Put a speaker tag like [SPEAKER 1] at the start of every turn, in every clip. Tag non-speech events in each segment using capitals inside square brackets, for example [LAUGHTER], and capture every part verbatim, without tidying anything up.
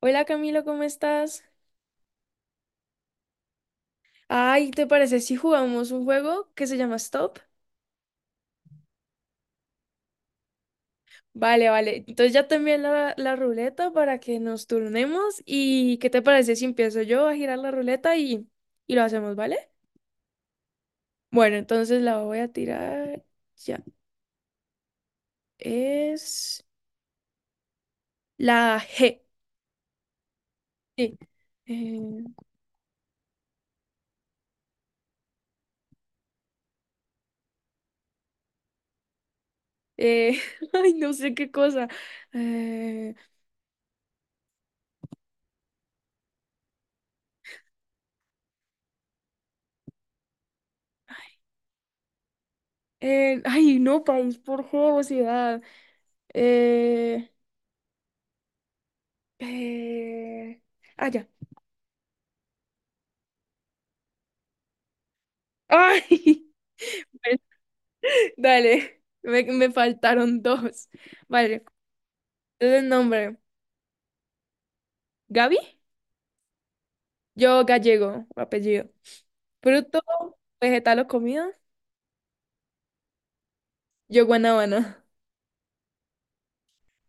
[SPEAKER 1] Hola Camilo, ¿cómo estás? Ay, ¿te parece si jugamos un juego que se llama Stop? Vale, vale. Entonces ya te envié la, la ruleta para que nos turnemos. ¿Y qué te parece si empiezo yo a girar la ruleta y, y lo hacemos? ¿Vale? Bueno, entonces la voy a tirar. Ya es la G. Sí. Eh, eh, [LAUGHS] Ay, no sé qué cosa. Eh, eh, Ay, no, país por juego, ciudad. Eh, eh, Ah, ya. Ay, [LAUGHS] dale, me, me faltaron dos. Vale, entonces nombre, Gaby, yo gallego, apellido. Fruto, vegetal o comida, yo guanábana,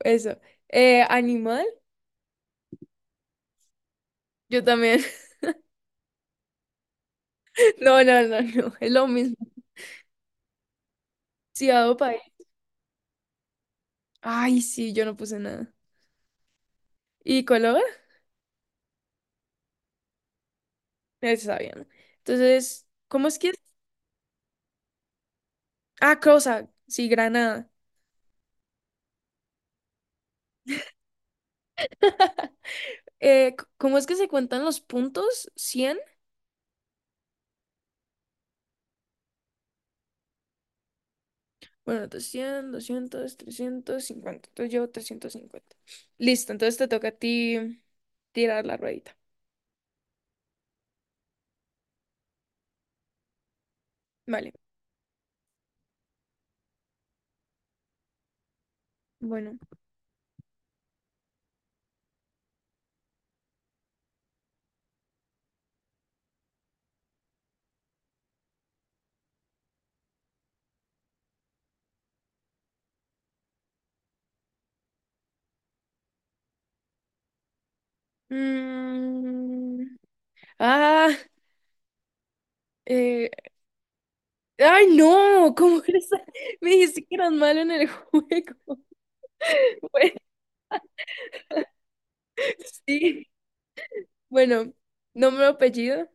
[SPEAKER 1] eso. Eh, animal, yo también. [LAUGHS] No, no, no, no, es lo mismo. Ciudad o país. Ay, sí, yo no puse nada. ¿Y color? Eso sabía, ¿no? Entonces, ¿cómo es que...? Ah, cosa, sí, Granada. Eh, c- ¿cómo es que se cuentan los puntos? Cien. Bueno, doscientos, doscientos, trescientos cincuenta. Entonces llevo trescientos cincuenta. Listo, entonces te toca a ti tirar la ruedita. Vale, bueno. Mm, Ah, eh, ay, no, ¿cómo crees? [LAUGHS] Me dijiste que eras malo en el juego. [LAUGHS] Bueno, sí, bueno, nombre, apellido.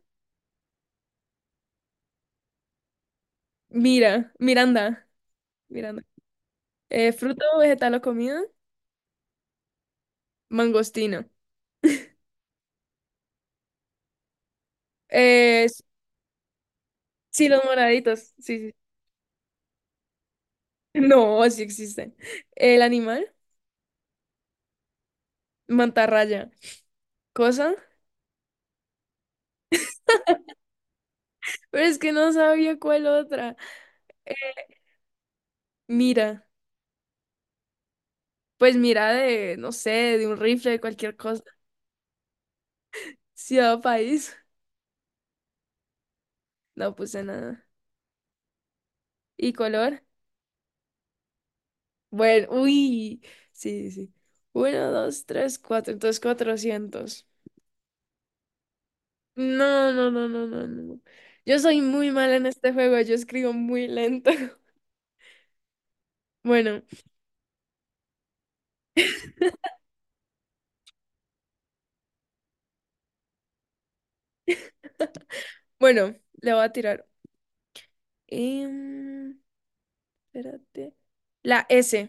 [SPEAKER 1] Mira, Miranda, Miranda. Eh, fruto, vegetal o comida. Mangostino. Eh, sí, los moraditos. Sí, sí. [LAUGHS] No, sí existen. El animal, mantarraya. Cosa, pero es que no sabía cuál otra. Eh, Mira, pues mira de, no sé, de un rifle, de cualquier cosa. Ciudad o país, no puse nada. ¿Y color? Bueno, uy, sí, sí, sí. Uno, dos, tres, cuatro, entonces cuatrocientos. No, no, no, no, no, no. Yo soy muy mala en este juego, yo escribo muy lento. [LAUGHS] Bueno, bueno, le voy a tirar. Em, Espérate. La S.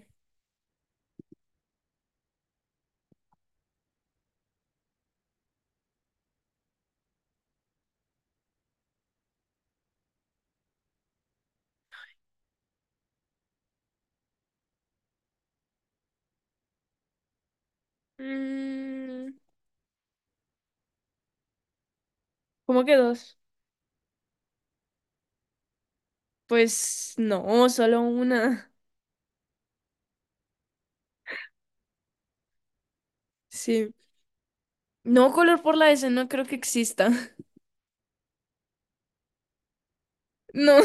[SPEAKER 1] Mm, ¿Cómo que dos? Pues no, solo una. [LAUGHS] Sí. No, color por la S no creo que exista. [LAUGHS] No.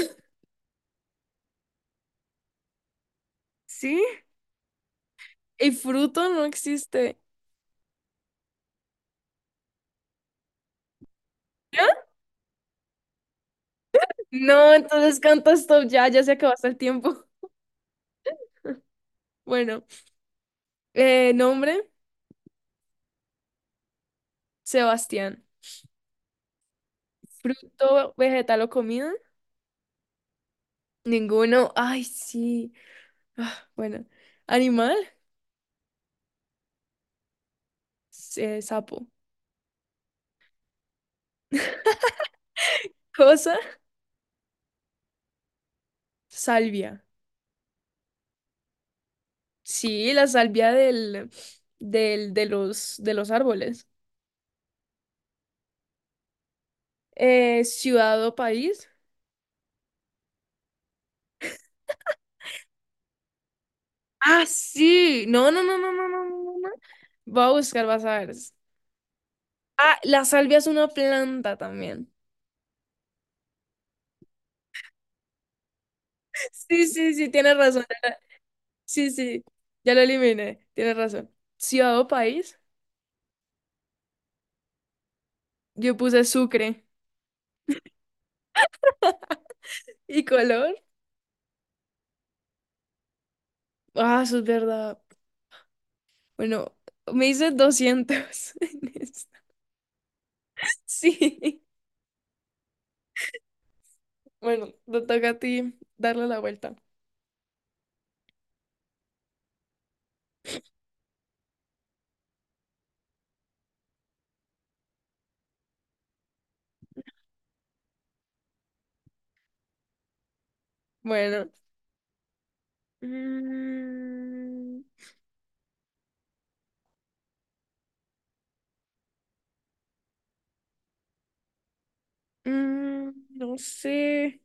[SPEAKER 1] ¿Sí? Y fruto no existe. No, entonces canta Stop, ya, ya se acabó hasta el tiempo. [LAUGHS] Bueno, eh, nombre, Sebastián. Fruto, vegetal o comida, ninguno. Ay, sí. Ah, bueno, animal, eh, sapo. Cosa, salvia. Sí, la salvia del, del, de los, de los árboles. Eh, ciudad o país. Ah, sí. No, no, no, no, no, no, no, no, no. Voy a buscar, vas a ver. Ah, la salvia es una planta también. Sí, sí, sí, tienes razón. Sí, sí. Ya lo eliminé. Tienes razón. Ciudad o país. Yo puse Sucre. ¿Y color? Ah, eso es verdad. Bueno, me hice doscientos [LAUGHS] en esta. Sí. Bueno, te toca a ti darle la vuelta. Bueno. Mm, mm, no sé.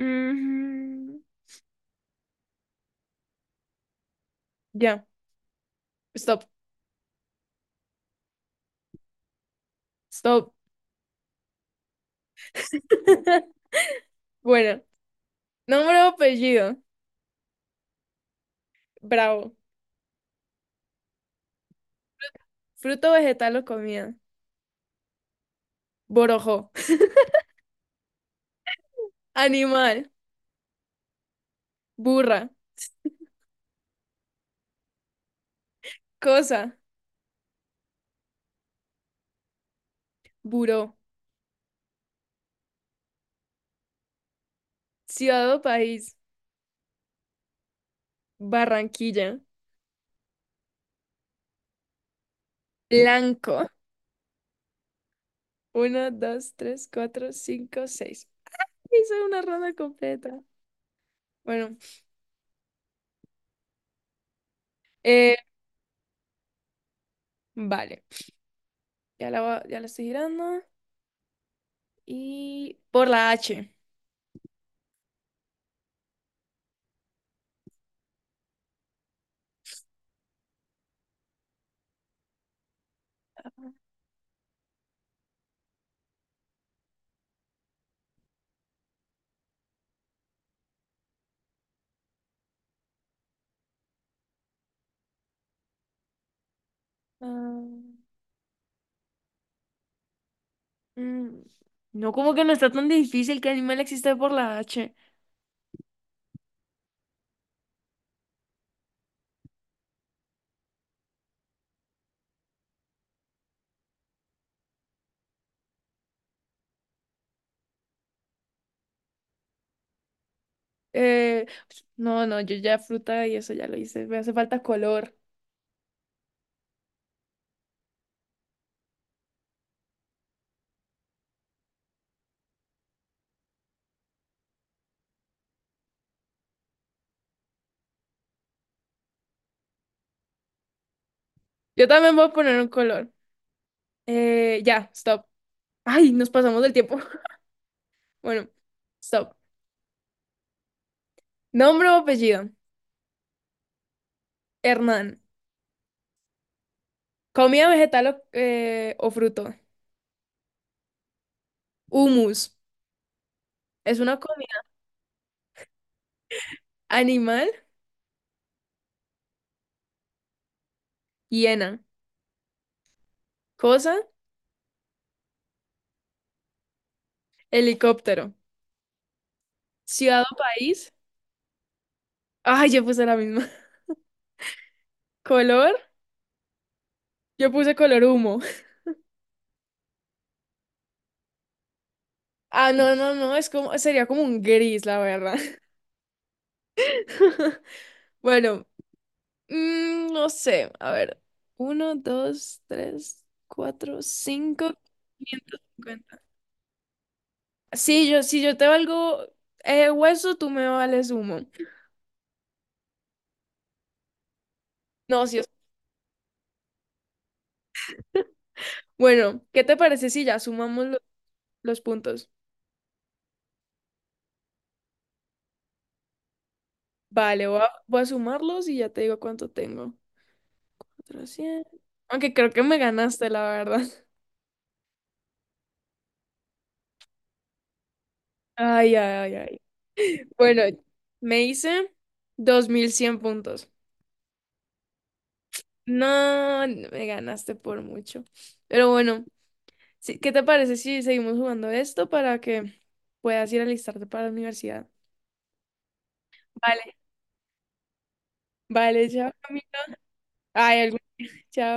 [SPEAKER 1] Mm, ya, stop, stop. [LAUGHS] Bueno, nombre o apellido. Bravo. Fruto, vegetal o comida. Borojó. Animal. Burra. Cosa. Buró. Ciudad o país. Barranquilla. Blanco. Uno, dos, tres, cuatro, cinco, seis. Hice una ronda completa. Bueno, eh, vale. Ya la, va- ya la estoy girando. Y por la H. Ah, mm, no, como que no está tan difícil. Que animal existe por la H. Eh, pues, no, no, yo ya fruta y eso ya lo hice. Me hace falta color. Yo también voy a poner un color. Eh, ya, stop. Ay, nos pasamos del tiempo. [LAUGHS] Bueno, stop. Nombre o apellido. Hernán. Comida, vegetal o, eh, o fruto. Humus. Es una comida. Animal. Hiena. Cosa. Helicóptero. Ciudad o país. Ay, yo puse la misma. ¿Color? Yo puse color humo. [LAUGHS] Ah, no, no, no, es como, sería como un gris, la verdad. [LAUGHS] Bueno, mm, no sé, a ver. Uno, dos, tres, cuatro, cinco, quinientos cincuenta. Sí, yo, si yo te valgo eh, hueso, tú me vales humo. No, sí. es- Bueno, ¿qué te parece si ya sumamos lo- los puntos? Vale, voy a, voy a sumarlos y ya te digo cuánto tengo. cuatrocientos. Aunque creo que me ganaste, la verdad. [LAUGHS] Ay, ay, ay, ay. Bueno, me hice dos mil cien puntos. No, no me ganaste por mucho. Pero bueno, sí, ¿qué te parece si seguimos jugando esto para que puedas ir a alistarte para la universidad? Vale, vale, chao, Camila. Ay, algún- chao.